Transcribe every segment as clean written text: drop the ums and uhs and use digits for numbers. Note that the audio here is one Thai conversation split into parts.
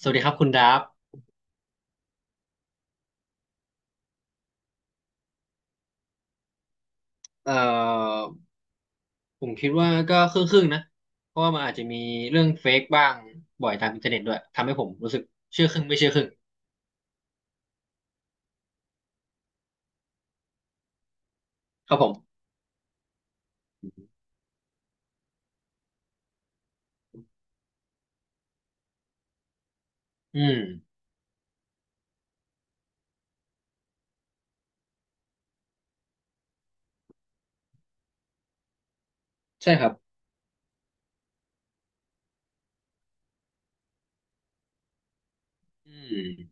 สวัสดีครับคุณดับเอ่อผมคิดว่าก็ครึ่งๆนะ เพราะว่ามันอาจจะมีเรื่องเฟกบ้างบ่อยตามอินเทอร์เน็ตด้วยทำให้ผมรู้สึกเชื่อครึ่งไม่เชื่อครึ่งครับผมอืมใช่ครับอืม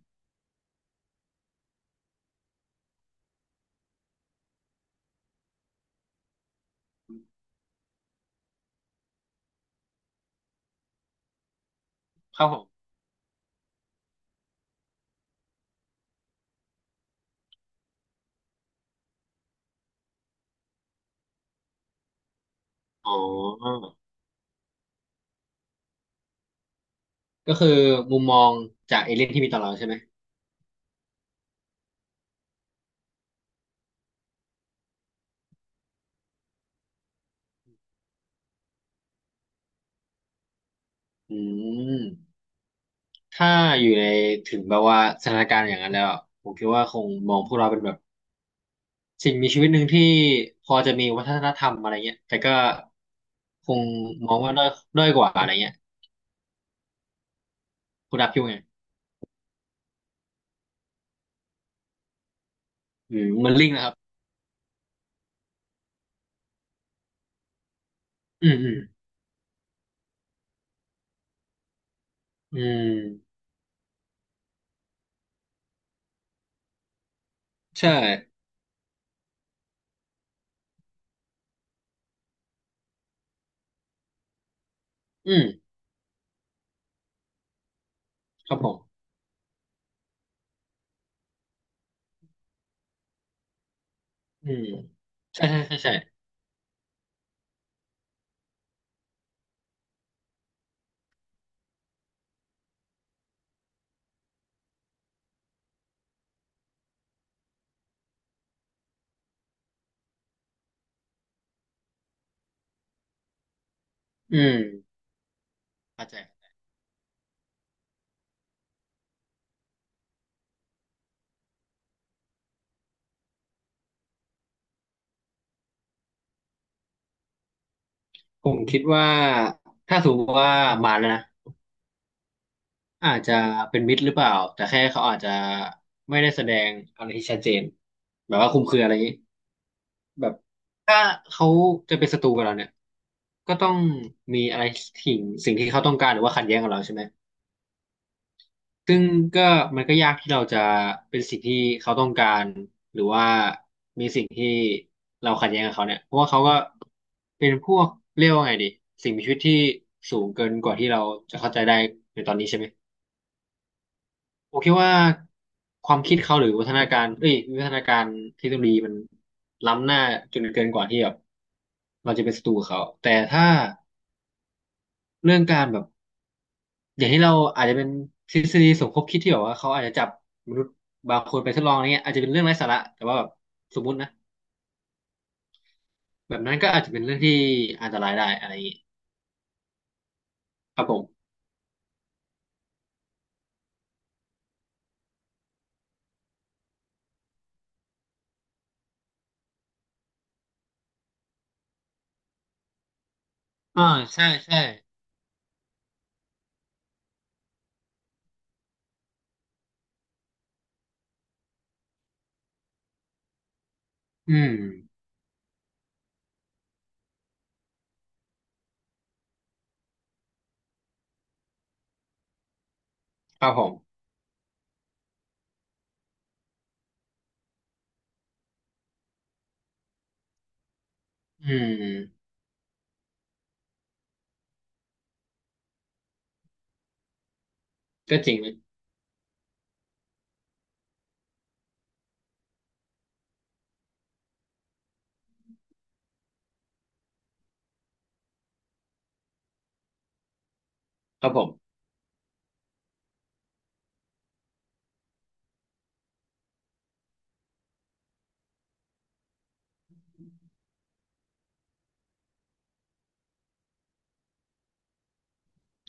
ครับผมอ๋อก็คือมุมมองจากเอเลี่ยนที่มีต่อเราใช่ไหมอืมถ้าอยู่ในถึงแบบว่าสถานการณ์อย่างนั้นแล้วอะผมคิดว่าคงมองพวกเราเป็นแบบสิ่งมีชีวิตหนึ่งที่พอจะมีวัฒนธรรมอะไรเงี้ยแต่ก็คงมองว่าด้อยกว่าอะไรเงี้ย คุณดับคิดว่าไงอืมมันลิงก์นะครับอืมอืมอืมใช่อืมครับผมอืมใช่ใช่ใช่ใช่อืมเข้าใจผมคิดว่าถ้าสมมติว่ามาแล้วนะอาจจะเป็นมิตรหรือเปล่าแต่แค่เขาอาจจะไม่ได้แสดงอะไรที่ชัดเจนแบบว่าคุมเครืออะไรอย่างนี้แบบถ้าเขาจะเป็นศัตรูกับเราเนี่ยก็ต้องมีอะไรสิ่งสิ่งที่เขาต้องการหรือว่าขัดแย้งกับเราใช่ไหม ซึ่งก็มันก็ยากที่เราจะเป็นสิ่งที่เขาต้องการหรือว่ามีสิ่งที่เราขัดแย้งกับเขาเนี่ยเพราะว่าเขาก็เป็นพวกเรียกว่าไงดีสิ่งมีชีวิตที่สูงเกินกว่าที่เราจะเข้าใจได้ในตอนนี้ใช่ไหมผมคิดว่าความคิดเขาหรือวัฒนาการเอ้ยวิวัฒนาการเทคโนโลยีมันล้ำหน้าจนเกินกว่าที่แบบเราจะเป็นศัตรูกับเขาแต่ถ้าเรื่องการแบบ อย่างที่เราอาจจะเป็นทฤษฎีสมคบคิดที่แบบว่าเขาอาจจะจับมนุษย์บางคนไปทดลองอะไรเงี้ยอาจจะเป็นเรื่องไร้สาระแต่ว่าแบบสมมุตินะแบบนั้นก็อาจจะเป็นเรื่องที่อันตรายได้อะไรอย่างงี้ครับผมอ่าใช่ใช่อืมครับผมอืมก็จริงนะครับผม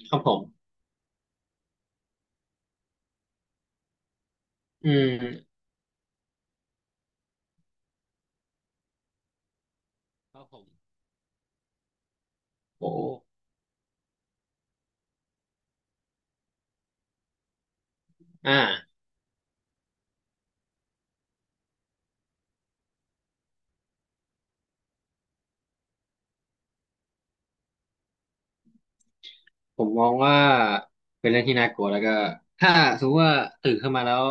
ครับผมอืมครับผมโอ้อ่าผมมองว่าเป็นเรื่องที่น่ากลัวแล้วก็ถ้าสมมติว่าตื่นขึ้นมาแล้ว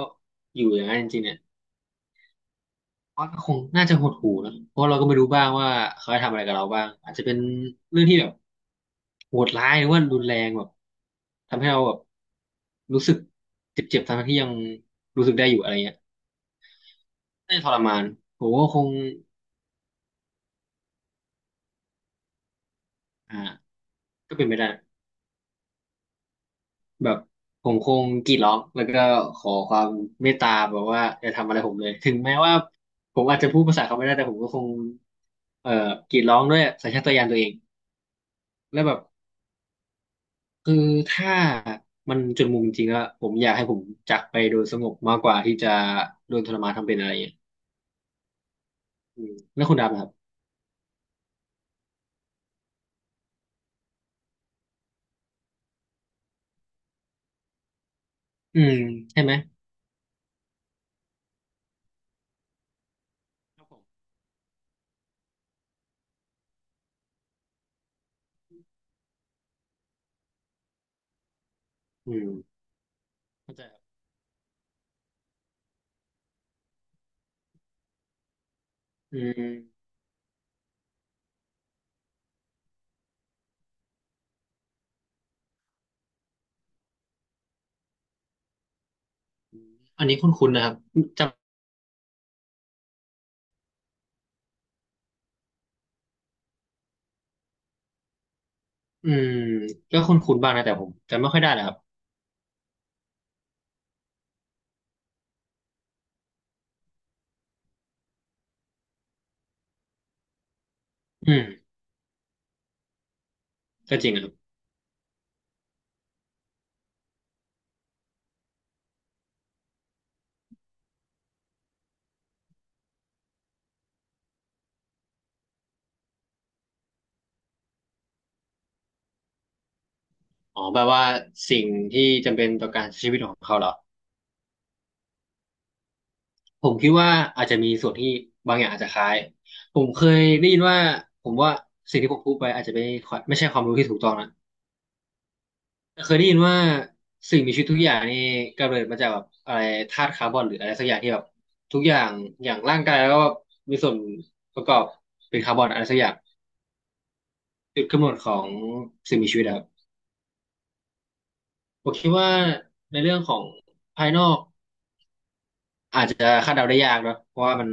อยู่อย่างนั้นจริงๆเนี่ย ก็คงน่าจะหดหู่นะเพราะเราก็ไม่รู้บ้างว่าเขาจะทำอะไรกับเราบ้างอาจจะเป็นเรื่องที่แบบโหดร้ายหรือว่ารุนแรงแบบทำให้เราแบบรู้สึกเจ็บๆทั้งที่ยังรู้สึกได้อยู่อะไรเงี้ยน่าจะทรมานผมก็คงอ่าก็เป็นไปได้แบบผมคงกรีดร้องแล้วก็ขอความเมตตาแบบว่าอย่าทำอะไรผมเลยถึงแม้ว่าผมอาจจะพูดภาษาเขาไม่ได้แต่ผมก็คงเอ่อกรีดร้องด้วยสัญชาตญาณตัวเองแล้วแบบ คือถ้ามันจนมุมจริงๆอะผมอยากให้ผมจากไปโดยสงบมากกว่าที่จะโดนทรมานทำเป็นอะไรอย่างเงี้ยอืมแล้วคุณดำนะครับอืมใช่ไหมครับผมอืมเข้าใจครับอืมอันนี้คุ้นๆนะครับจำอืมก็คุ้นๆบ้างนะแต่ผมจำไม่ค่อยได้นะครับอืมก็จริงนะครับอ๋อแปลว่าสิ่งที่จำเป็นต่อการใช้ชีวิตของเขาเหรอผมคิดว่าอาจจะมีส่วนที่บางอย่างอาจจะคล้ายผมเคยได้ยินว่าผมว่าสิ่งที่ผมพูดไปอาจจะไม่ค่อยไม่ใช่ความรู้ที่ถูกต้องนะ เคยได้ยินว่าสิ่งมีชีวิตทุกอย่างนี่กำเนิดมาจากแบบอะไรธาตุคาร์บอนหรืออะไรสักอย่างที่แบบทุกอย่างอย่างร่างกายแล้วก็มีส่วนประกอบเป็นคาร์บอนอะไรสักอย่างจุดกำเนิดของสิ่งมีชีวิตอะครับผมคิดว่าในเรื่องของภายนอกอาจจะคาดเดาได้ยากเนอะเพราะว่ามัน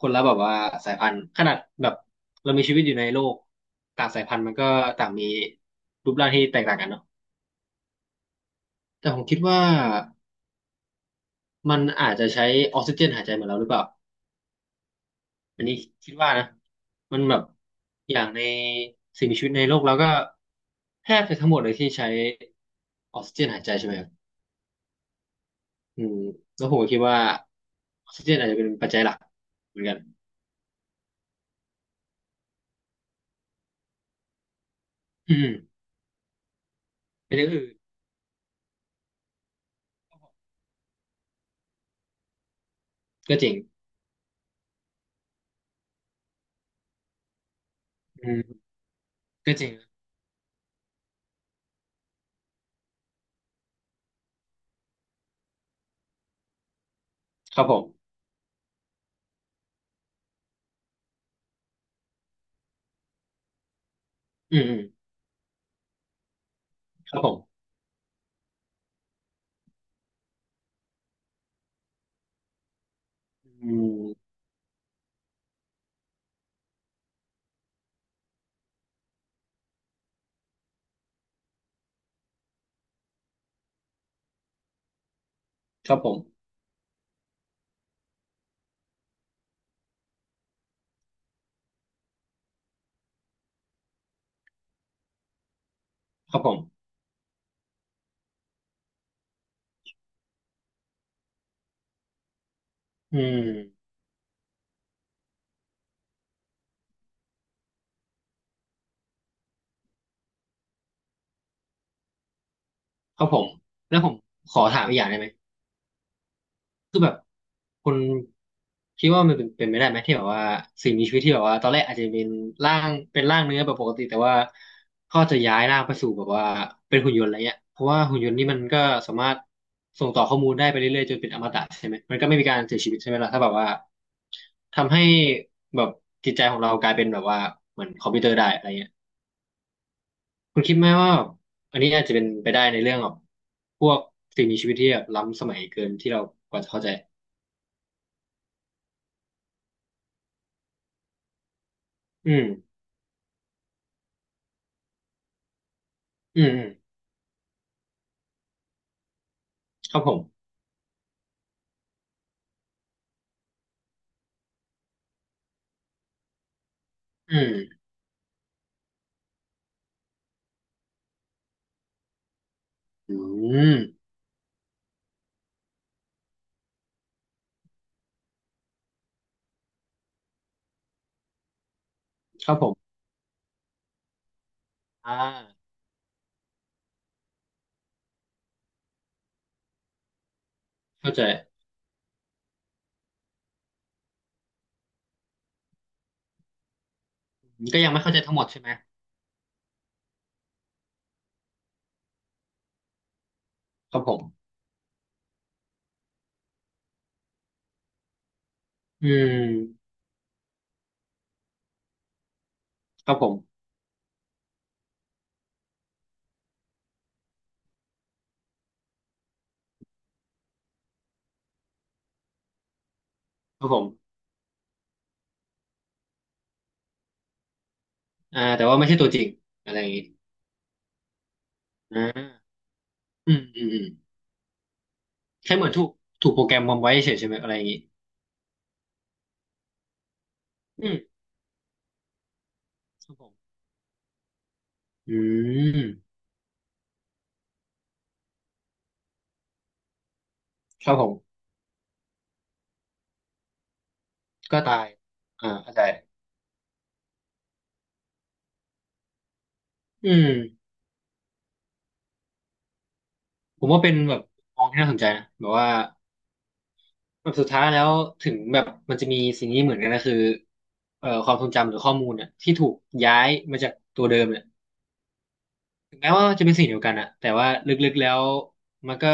คนละแบบว่าสายพันธุ์ขนาดแบบเรามีชีวิตอยู่ในโลกต่างสายพันธุ์มันก็ต่างมีรูปร่างที่แตกต่างกันเนาะแต่ผมคิดว่ามันอาจจะใช้ออกซิเจนหายใจเหมือนเราหรือเปล่า อันนี้คิดว่านะมันแบบอย่างในสิ่งมีชีวิตในโลกเราก็แทบจะทั้งหมดเลยที่ใช้ออกซิเจนหายใจใช่ไหมครับอืมแล้วผมก็คิดว่าออกซิเจนอาจจะเป็นปัจจัยหลักเหมือนกันอืมในเรื่องอื่นก็จริงอืมก็จริงครับผมอืมอืมครับผมอืมครับผมครับผมอืมครับผมแล้วผมขอถามอีกอย่างได้ไหม คือแบบคนคิดว่ามันเป็นเป็นไปได้ไหมที่แบบว่าสิ่งมีชีวิตที่แบบว่าตอนแรกอาจจะเป็นร่างเป็นร่างเนื้อแบบปกติแต่ว่าเขาจะย้ายร่างไปสู่แบบว่าเป็นหุ่นยนต์อะไรเงี้ยเพราะว่าหุ่นยนต์นี่มันก็สามารถส่งต่อข้อมูลได้ไปเรื่อยๆจนเป็นอมตะใช่ไหมมันก็ไม่มีการเสียชีวิตใช่ไหมล่ะถ้าแบบว่าทำให้แบบจิตใจของเรากลายเป็นแบบว่าเหมือนคอมพิวเตอร์ได้อะไรเงี้ยคุณคิดไหมว่าอันนี้อาจจะเป็นไปได้ในเรื่องแบบพวกสิ่งมีชีวิตที่แบบล้ำสมัยเกินที่เรากว่าจะเข้าใจอืม อืมอืมครับผมอืมอืมครับผมอ่าเข้าใจก็ยังไม่เข้าใจทั้งหมดใช่ไหมครับผมอืมครับผมครับผมอ่าแต่ว่าไม่ใช่ตัวจริงอะไรอย่างงี้อ่าอืมอืมอืมแค่เหมือนถูกโปรแกรมวางไว้เฉยใช่ไหมอะไรอย่างงี้อืมครับผมอืมครับผมก็ตายอ่าเข้าใจอืมผมว่าเป็นแบบมองที่น่าสนใจนะแบบว่า แบบสุดท้ายแล้วถึงแบบมันจะมีสิ่งนี้เหมือนกันนะคือเอ่อความทรงจำหรือข้อมูลเนี่ยที่ถูกย้ายมาจากตัวเดิมเนี่ยถึงแม้ว่าจะเป็นสิ่งเดียวกันอะแต่ว่าลึกๆแล้วมันก็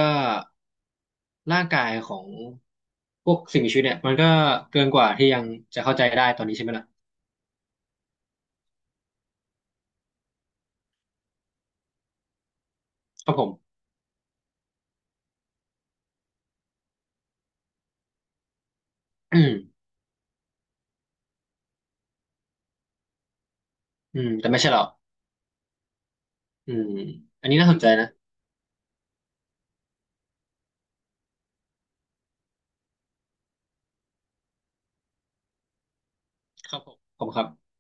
ร่างกายของพวกสิ่งมีชีวิตเนี่ยมันก็เกินกว่าที่ยังจะเข้าใจได้ตอนนี้ใช่ไหมล่ะครับผมอืมอืมแต่ไม่ใช่หรอกอืมอันนี้น่าสนใจนะครับผมขอบคุณครับ